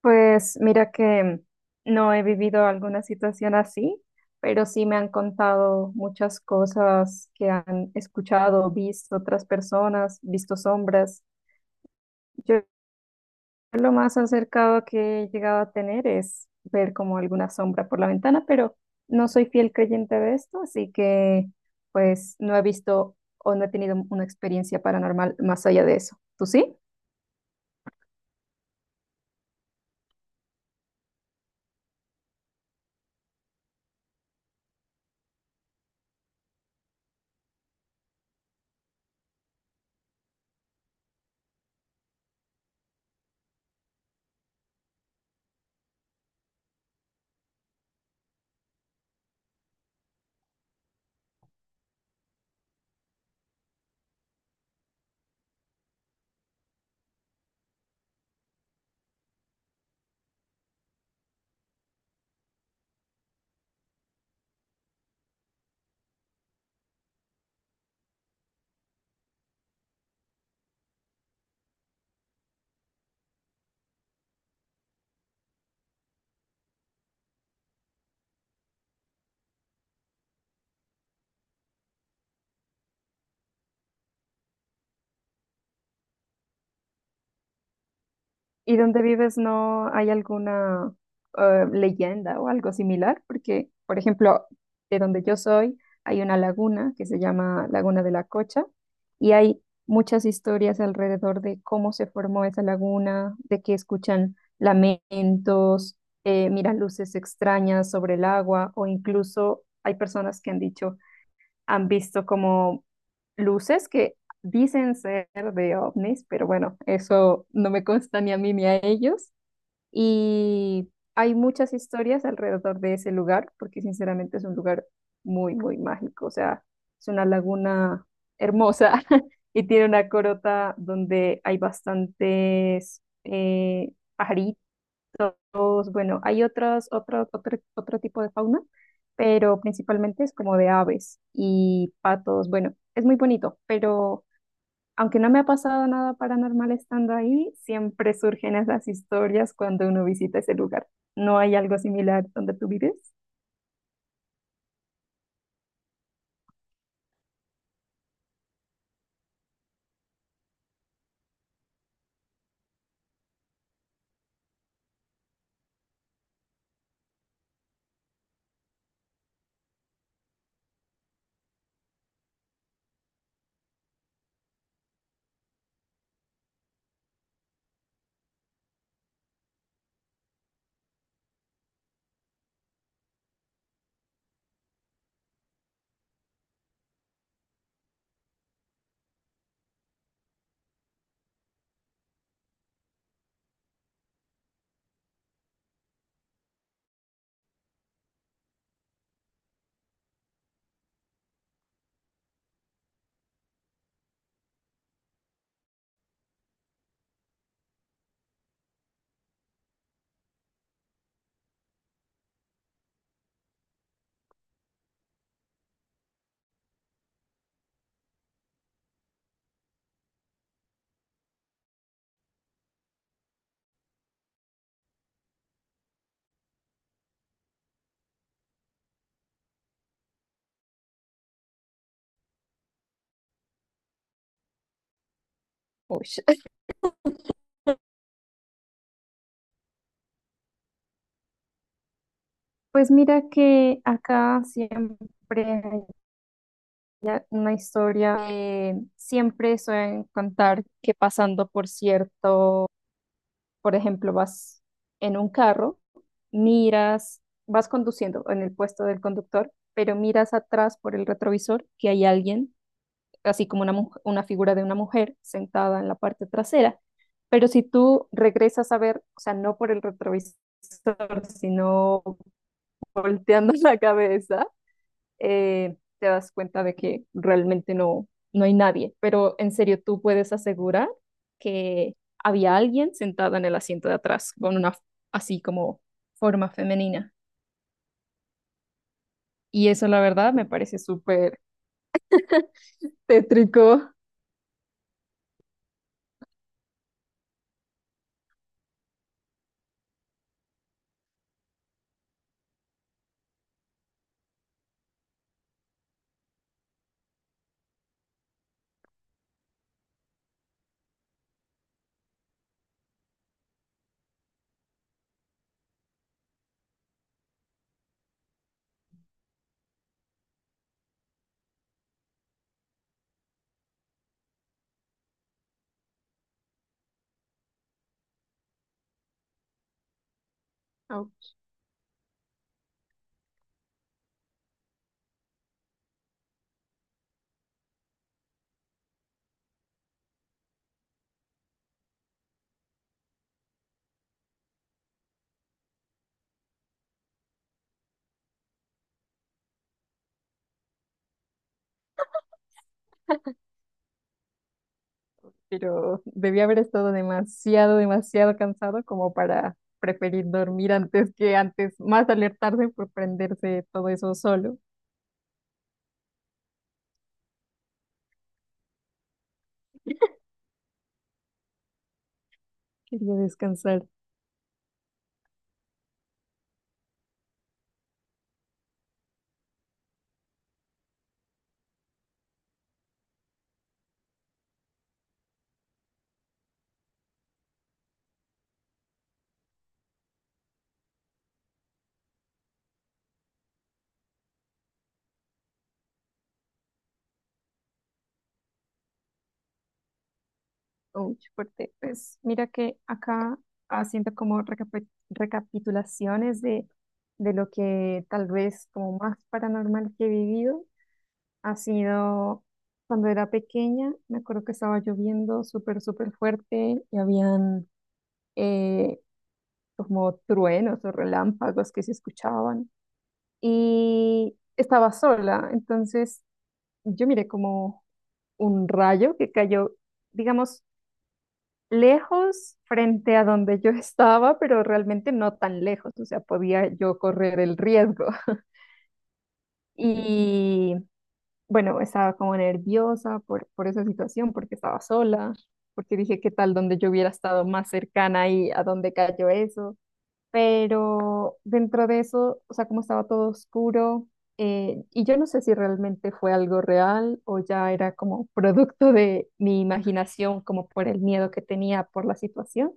Pues mira que no he vivido alguna situación así, pero sí me han contado muchas cosas que han escuchado, visto otras personas, visto sombras. Yo lo más acercado que he llegado a tener es ver como alguna sombra por la ventana, pero no soy fiel creyente de esto, así que pues no he visto o no he tenido una experiencia paranormal más allá de eso. ¿Tú sí? ¿Y donde vives no hay alguna leyenda o algo similar? Porque, por ejemplo, de donde yo soy hay una laguna que se llama Laguna de la Cocha y hay muchas historias alrededor de cómo se formó esa laguna, de que escuchan lamentos, miran luces extrañas sobre el agua o incluso hay personas que han dicho han visto como luces que dicen ser de ovnis, pero bueno, eso no me consta ni a mí ni a ellos. Y hay muchas historias alrededor de ese lugar, porque sinceramente es un lugar muy, muy mágico. O sea, es una laguna hermosa y tiene una corota donde hay bastantes pajaritos, bueno, hay otro tipo de fauna, pero principalmente es como de aves y patos. Bueno, es muy bonito, pero aunque no me ha pasado nada paranormal estando ahí, siempre surgen esas historias cuando uno visita ese lugar. ¿No hay algo similar donde tú vives? Ush. Pues mira que acá siempre hay ya una historia que siempre suelen contar que pasando por cierto, por ejemplo, vas en un carro, miras, vas conduciendo en el puesto del conductor, pero miras atrás por el retrovisor que hay alguien, así como una, una figura de una mujer sentada en la parte trasera. Pero si tú regresas a ver, o sea, no por el retrovisor, sino volteando la cabeza, te das cuenta de que realmente no, no hay nadie. Pero en serio, tú puedes asegurar que había alguien sentada en el asiento de atrás con una así como forma femenina. Y eso, la verdad, me parece súper tétrico. Au. Pero debí haber estado demasiado, demasiado cansado como para preferir dormir antes que antes, más alertarse por prenderse todo eso solo. Quería descansar. Uy, fuerte. Pues mira que acá haciendo como recapitulaciones de lo que tal vez como más paranormal que he vivido ha sido cuando era pequeña, me acuerdo que estaba lloviendo súper, súper fuerte y habían eh, como truenos o relámpagos que se escuchaban y estaba sola, entonces yo miré como un rayo que cayó, digamos, lejos frente a donde yo estaba, pero realmente no tan lejos, o sea, podía yo correr el riesgo. Y bueno, estaba como nerviosa por esa situación, porque estaba sola, porque dije, ¿qué tal donde yo hubiera estado más cercana y a dónde cayó eso? Pero dentro de eso, o sea, como estaba todo oscuro, y yo no sé si realmente fue algo real o ya era como producto de mi imaginación, como por el miedo que tenía por la situación,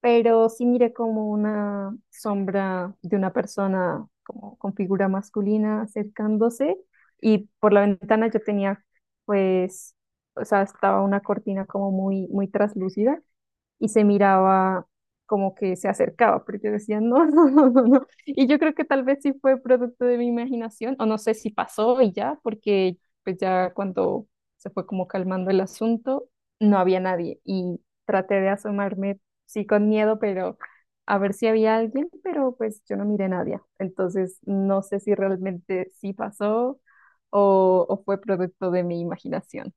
pero sí miré como una sombra de una persona como con figura masculina acercándose y por la ventana yo tenía pues, o sea, estaba una cortina como muy, muy traslúcida y se miraba como que se acercaba, pero yo decía, no, no, no, no, no. Y yo creo que tal vez sí fue producto de mi imaginación, o no sé si pasó y ya, porque pues ya cuando se fue como calmando el asunto, no había nadie y traté de asomarme, sí, con miedo, pero a ver si había alguien, pero pues yo no miré a nadie. Entonces, no sé si realmente sí pasó o fue producto de mi imaginación.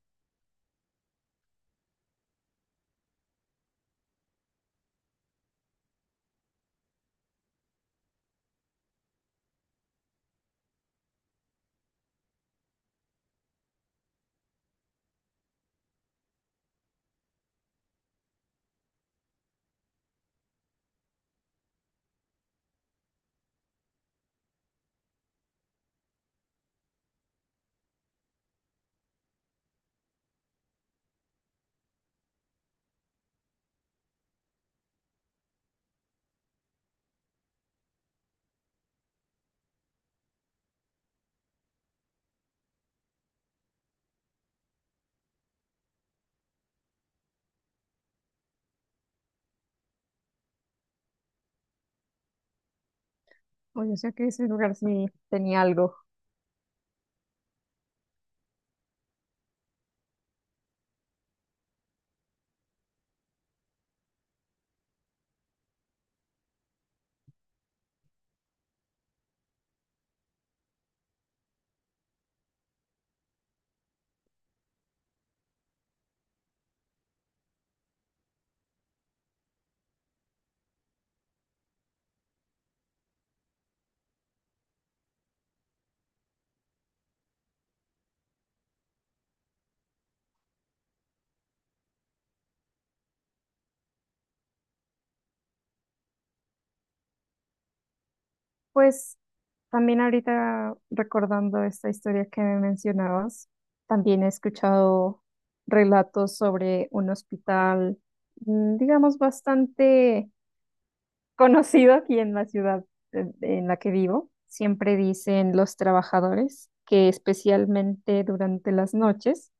Oye, o sea que ese lugar sí tenía algo. Pues también ahorita recordando esta historia que me mencionabas, también he escuchado relatos sobre un hospital, mm, digamos, bastante conocido aquí en la ciudad en la que vivo. Siempre dicen los trabajadores que especialmente durante las noches,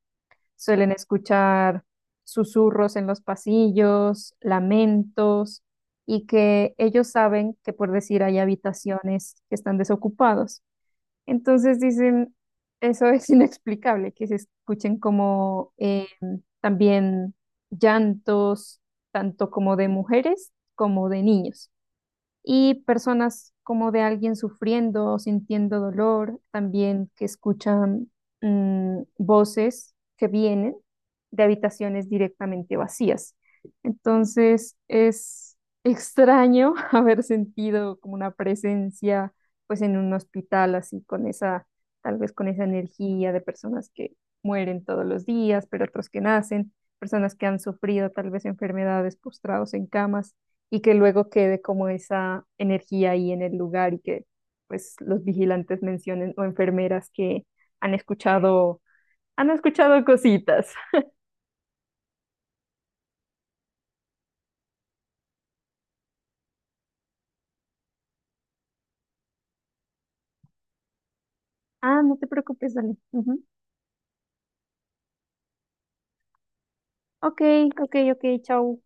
suelen escuchar susurros en los pasillos, lamentos, y que ellos saben que, por decir, hay habitaciones que están desocupados. Entonces dicen, eso es inexplicable, que se escuchen como también llantos, tanto como de mujeres como de niños y personas como de alguien sufriendo o sintiendo dolor, también que escuchan voces que vienen de habitaciones directamente vacías. Entonces es extraño haber sentido como una presencia pues en un hospital así con esa, tal vez con esa energía de personas que mueren todos los días, pero otros que nacen, personas que han sufrido tal vez enfermedades postrados en camas y que luego quede como esa energía ahí en el lugar y que pues los vigilantes mencionen o enfermeras que han escuchado, han escuchado cositas. Ah, no te preocupes, dale. Ujú. Ok, ok, ok, chao.